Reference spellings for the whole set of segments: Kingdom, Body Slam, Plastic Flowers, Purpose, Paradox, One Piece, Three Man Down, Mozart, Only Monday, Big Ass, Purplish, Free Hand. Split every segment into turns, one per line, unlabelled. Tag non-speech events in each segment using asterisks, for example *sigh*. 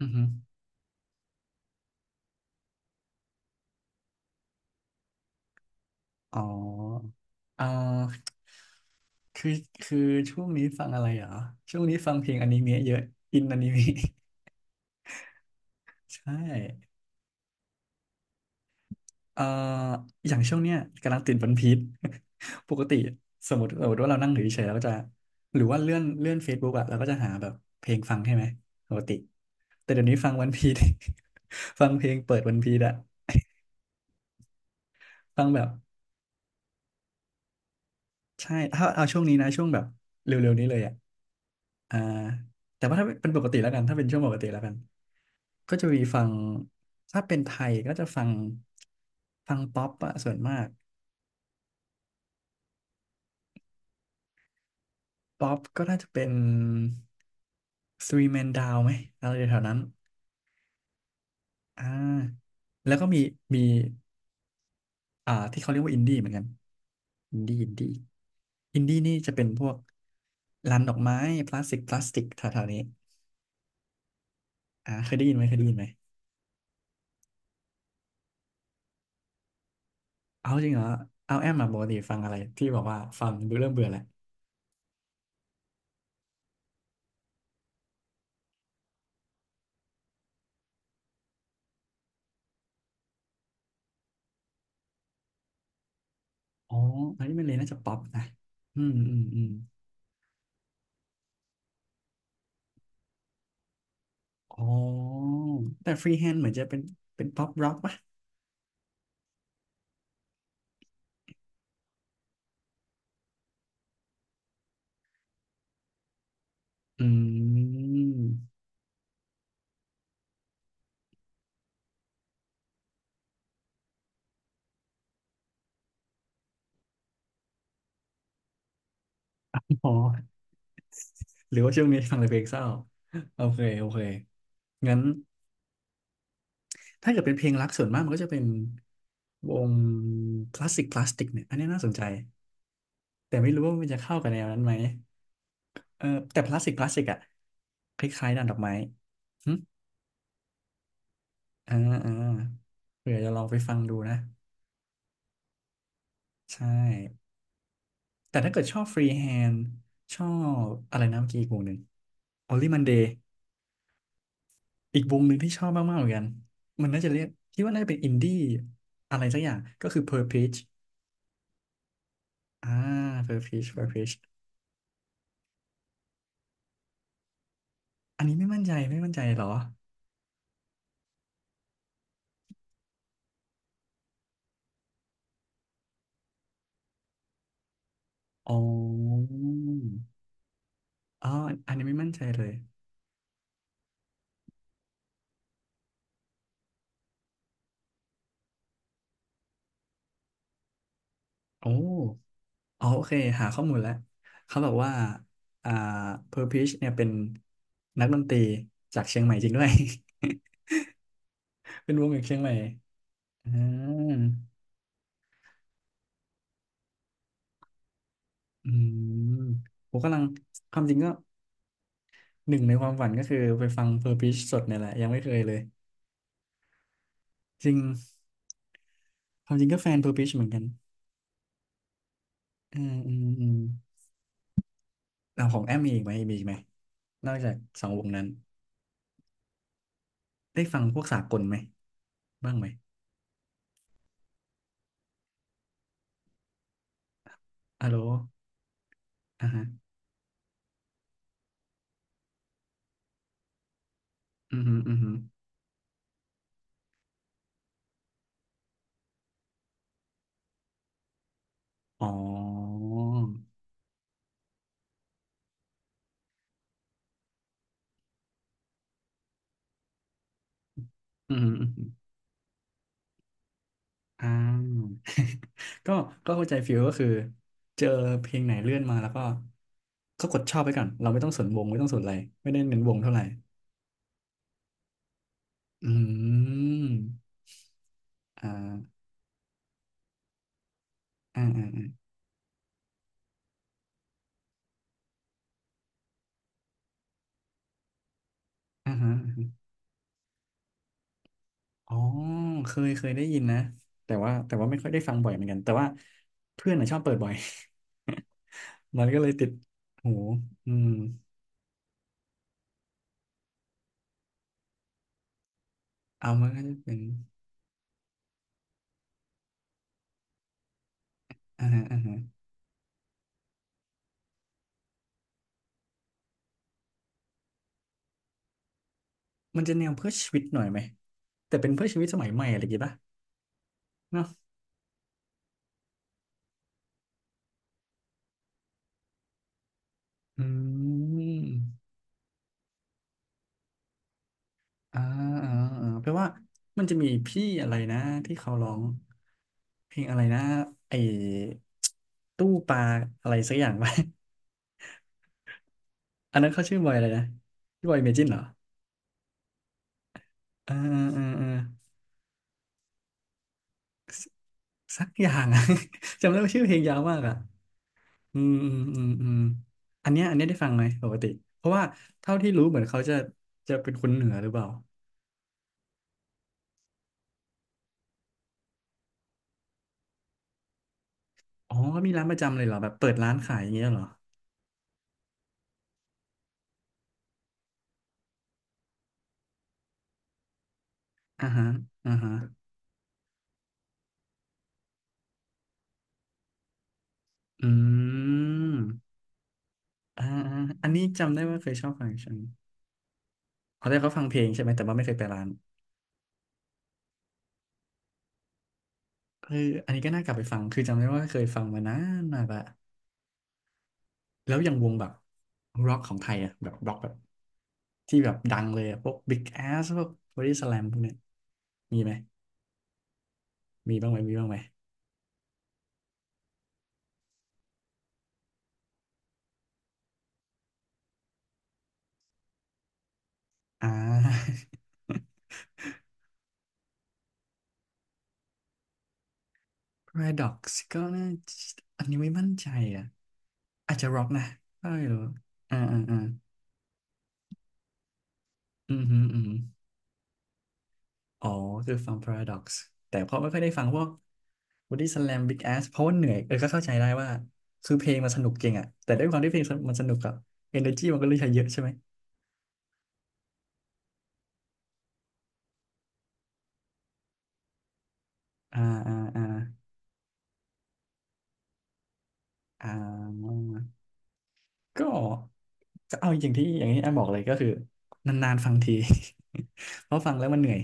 อือฮึอ๋ออ่าคือคือช่วงนี้ฟังอะไรเหรอช่วงนี้ฟังเพลงอนิเมะเยอะอินอนิเมะ *laughs* ใช่เอ่ออย่างช่วงเนี้ยกำลังติดวันพีช *laughs* ปกติสมมติว่าเรานั่งอยู่เฉยๆเราก็จะหรือว่าเลื่อน Facebook อะเราก็จะหาแบบเพลงฟังใช่ไหมปกติ แต่เดี๋ยวนี้ฟังวันพีช *laughs* ฟังเพลงเปิดวันพีชอะฟังแบบ ใช่ถ้าเอาช่วงนี้นะช่วงแบบเร็วๆนี้เลยอะอ่าแต่ว่าถ้าเป็นปกติแล้วกันถ้าเป็นช่วงปกติแล้วกัน ก็จะมีฟังถ้าเป็นไทยก็จะฟังฟังป๊อปอะส่วนมากป๊อปก็น่าจะเป็น Three Man Down ไหมอะไรแถวๆนั้นอ่าแล้วก็มีอ่าที่เขาเรียกว่าอินดี้เหมือนกันอินดี้อินดี้นี่จะเป็นพวกร้านดอกไม้พลาสติกแถวๆนี้อ่าเคยได้ยินไหมเคยได้ยินไหมเอาจริงเหรอเอาแอมมาปกติฟังอะไรที่บอกว่าฟังเบื่อเริ่มเบื่อแหละอ๋ออันนี้มันเลยน่าจะป๊อปนะอืมอืมอืม อ๋อ แต่ฟรีแฮนด์เหมือนจะเป็นเป็นป๊อปร็อกป่ะ อืม อ๋อ หรือว่าช่วงนี้ฟังแต่เพลงเศร้า โอเค โอเค งั้นถ้าเกิดเป็นเพลงรักส่วนมากมันก็จะเป็นวงคลาสสิกคลาสติกเนี่ย อันนี้น่าสนใจ แต่ไม่รู้ว่ามันจะเข้ากับแนวนั้นไหม เออ แต่คลาสสิกคลาสสิกอะคล้ายๆดานดอกไม้หึอ่าอ่าเผื่อจะลองไปฟังดูนะใช่แต่ถ้าเกิดชอบฟรีแฮนด์ชอบอะไรนะเมื่อกี้อีกวงหนึ่ง Only Monday อีกวงหนึ่งที่ชอบมากๆเหมือนกัน มันน่าจะเรียกคิดว่าน่าจะเป็นอินดี้อะไรสักอย่างก็คือ Purplish อ่า Purplish Purplish อันนี้ไม่มั่นใจไม่มั่นใจเหรออ๋ออ๋ออันนี้ไม่มั่นใจเลย โอ้อ๋อโอเคหาข้อมูลแล้วเขาบอกว่า อ่า Purplish เนี่ยเป็นนักดนตรีจากเชียงใหม่จริงด้วย *laughs* เป็นวงจากเชียงใหม่อ่าอืมผมกำลังความจริงก็ หนึ่งในความฝันก็คือไปฟัง Purpose สดเนี่ยแหละยังไม่เคยเลยจริงความจริงก็แฟน Purpose เหมือนกันอืมอืมอืมเลาของแอมมีอีกไหมมีอีกไหมนอกจากสองวงนั้นได้ฟังพวกสากลไหมบ้างไหมอะโหลอ่าฮะอืมฮึอืมฮึอ๋ออืมอืมอมอ่า *laughs* ก็ก็เข้าใจฟิลก็คือเจอเพลงไหนเลื่อนมาแล้วก็ก็กดชอบไปก่อนเราไม่ต้องสนวงไม่ต้องสนอะไรไม่ได้เน้นวงเท่าไหร่อืมอ่าอ่าอ่า อ่าฮะอาฮะอ๋อเคยเคยได้ยินนะแต่ว่าไม่ค่อยได้ฟังบ่อยเหมือนกันแต่ว่าเพื่อนน่ะชอบเปิดบ่อย *laughs* มันก็เลยติดหูอืมเอามันก็จะเป็นอ่าฮะอ่าฮะมันจะแนวเพื่อชีวิตหน่อยไหมแต่เป็นเพื่อชีวิตสมัยใหม่อะไรอย่างงี้ป่ะเนาะอืมอ่าอ่าอ่าเพราะว่ามันจะมีพี่อะไรนะที่เขาร้องเพลงอะไรนะไอ้ตู้ปลาอะไรสักอย่างไป *laughs* อันนั้นเขาชื่อบอยอะไรนะพี่บอยเมจินเหรอ เออเออเออสักอย่างอะ *laughs* จำได้ว่าชื่อเพลงยาวมากอ่ะอืมอืมอืมอืมอันเนี้ยได้ฟังไหมปกติเพราะว่าเท่าที่รู้เหมือนเขาจะจะเป็นคนเหนือหรือเปล่าอ๋อมีร้านประจำเลยเหรอแบบเปิดร้านขายอย่างเงี้ยเหรออ่าฮะอ่าฮะอืมอ่าอาอันนี้จำได้ว่าเคยชอบฟังใช่ไหมเขาได้เขาฟังเพลงใช่ไหมแต่ว่าไม่เคยไปร้านเอออันนี้ก็น่ากลับไปฟังคือจำได้ว่าเคยฟังมานานมากละแล้วอย่างวงแบบร็อกของไทยอ่ะแบบร็อกแบบ ที่แบบดังเลยอะพวก Big Ass พวก Body Slam พวกเนี้ยมีไหมมีบ้างไหมมีบ้างไหมอ่า *laughs* Paradox ก็น่าจะอันนี้ไม่มั่นใจอ่ะอาจจะ Rock นะไม่รู้อ่าอ่าอ่าอืมฮึอืมฮึอ๋อคือฟัง Paradox แต่ก็ไม่ค่อยได้ฟังพวก Body Slam Big Ass เพราะว่าเหนื่อยเออก็เข้าใจได้ว่าคือเพลงมันสนุกจริงอ่ะแต่ด้วยความที่เพลงมันสนุกอะ energy มันก็เลยใช้เยอะใช่ไหมอ่าอ่าอ่าอ่า ก็ก็เอาอย่างที่อย่างที่แอมบอกเลยก็คือนานๆฟังที *laughs* เพราะฟังแล้วมันเหนื่อย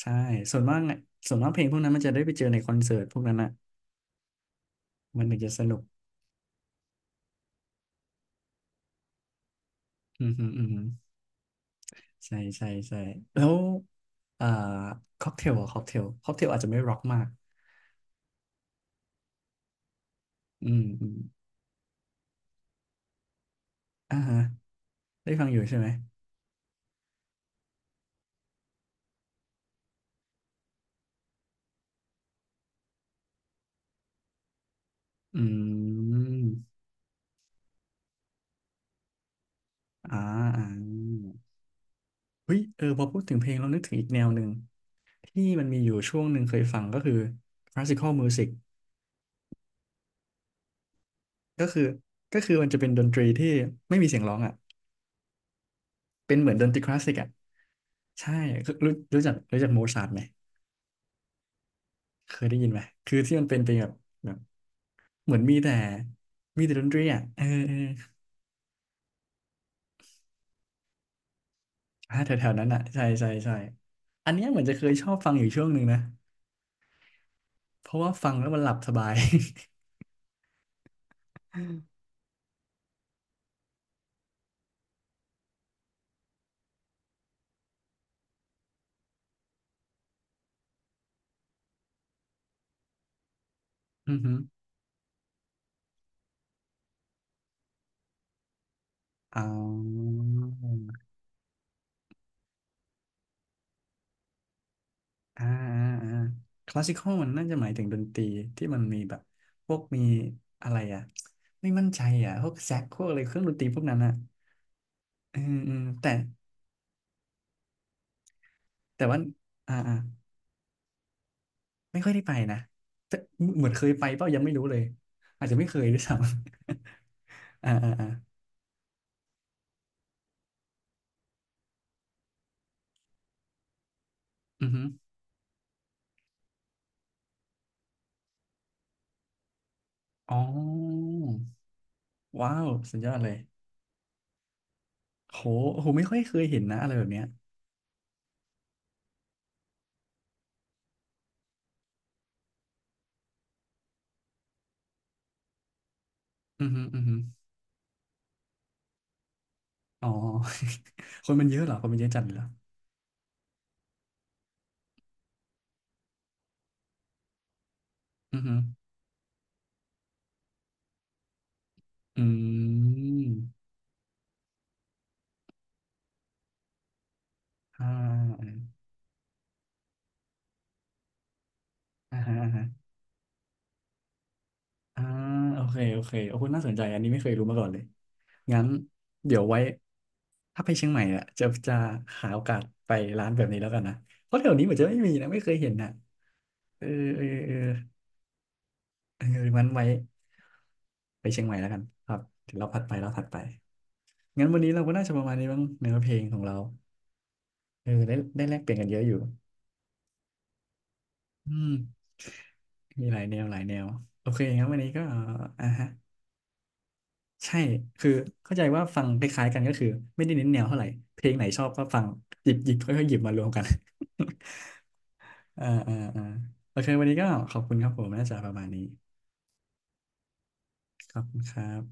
ใช่ส่วนมากอะส่วนมากเพลงพวกนั้นมันจะได้ไปเจอในคอนเสิร์ตพวกนั้นอ่ะมันถึงจะสนุกอืมอืมอืมใช่ใช่ใช่แล้วอ่าค็อกเทลอ่ะค็อกเทลค็อกเทลอาจจะไม่ร็อกมากอืมอืมอ่าฮะได้ฟังอยู่ใช่ไหมอืมอ่าอ่าเฮ้ยเออพอพูดถึงเพลงเรานึกถึงอีกแนวหนึ่งที่มันมีอยู่ช่วงหนึ่งเคยฟังก็คือ classical music ก็คือก็คือมันจะเป็นดนตรีที่ไม่มีเสียงร้องอ่ะเป็นเหมือนดนตรีคลาสสิกอ่ะใช่คือรู้รู้จักรู้จักโมซาร์ทไหมเคยได้ยินไหมคือที่มันเป็นเป็นแบบแบบเหมือนมีแต่มีแต่ดนตรีอ่ะเออเออแถวๆนั้นอ่ะใช่ใช่ใช่อันเนี้ยเหมือนจะเคยชอบฟังอยู่ช่วงหนึ่งนะเพราะว่าฟังแล้วมันหลับสบาย *laughs* อือฮึอ๋อ อ่าอ่าคลาสสิคอลมันน่าจะหมายถึงดนตรีที่มันมีแบบพวกมีอะไรอ่ะไม่มั่นใจอ่ะพวกแซกพวกอะไรเครื่องดนตรีพวกนั้นอ่ะอืมอืมแต่แต่ว่าอ่าอ่าไม่ค่อยได้ไปนะแต่เหมือนเคยไปเปล่ายังไม่รู้เลยอาจจะไม่เคยด้วยซ้ำ *laughs* อ่าอ่าอ่าอือฮึอ๋อว้าวสุดยอดเลยโหโหไม่ค่อยเคยเห็นนะอะไรแบบเนี้ยอือฮึอือฮึอ๋อ *laughs* คนมันเยอะเหรอคนมันเยอะจัดเลยเหรออือฮึอืม อ่าอ่าฮะอ่าฮะอ่าโอเคโอเคโอ้โหน่าสนใจอันนี้ไม่เคยรู้มาก่อนเลยงั้นเดี๋ยวไว้ถ้าไปเชียงใหม่อ่ะจะหาโอกาสไปร้านแบบนี้แล้วกันนะเพราะแถวนี้เหมือนจะไม่มีนะไม่เคยเห็นนะเออเออเออเอองั้นไว้ไปเชียงใหม่แล้วกันครับเดี๋ยวเราผัดไปเราถัดไปงั้นวันนี้เราก็น่าจะประมาณนี้บ้างเนื้อเพลงของเราเออได้ได้แลกเปลี่ยนกันเยอะอยู่อืมมีหลายแนวหลายแนวโอเคงั้นวันนี้ก็อ่าฮะ ใช่ คือเข้าใจว่าฟังคล้ายๆกันก็คือไม่ได้เน้นแนวเท่าไหร่ เพลงไหนชอบก็ฟังหยิบหยิบค่อยๆหยิบมารวมกัน *laughs* อ่าอ่าอ่าโอเควันนี้ก็ขอบคุณครับผมน่าจะประมาณนี้ ขอบคุณครับ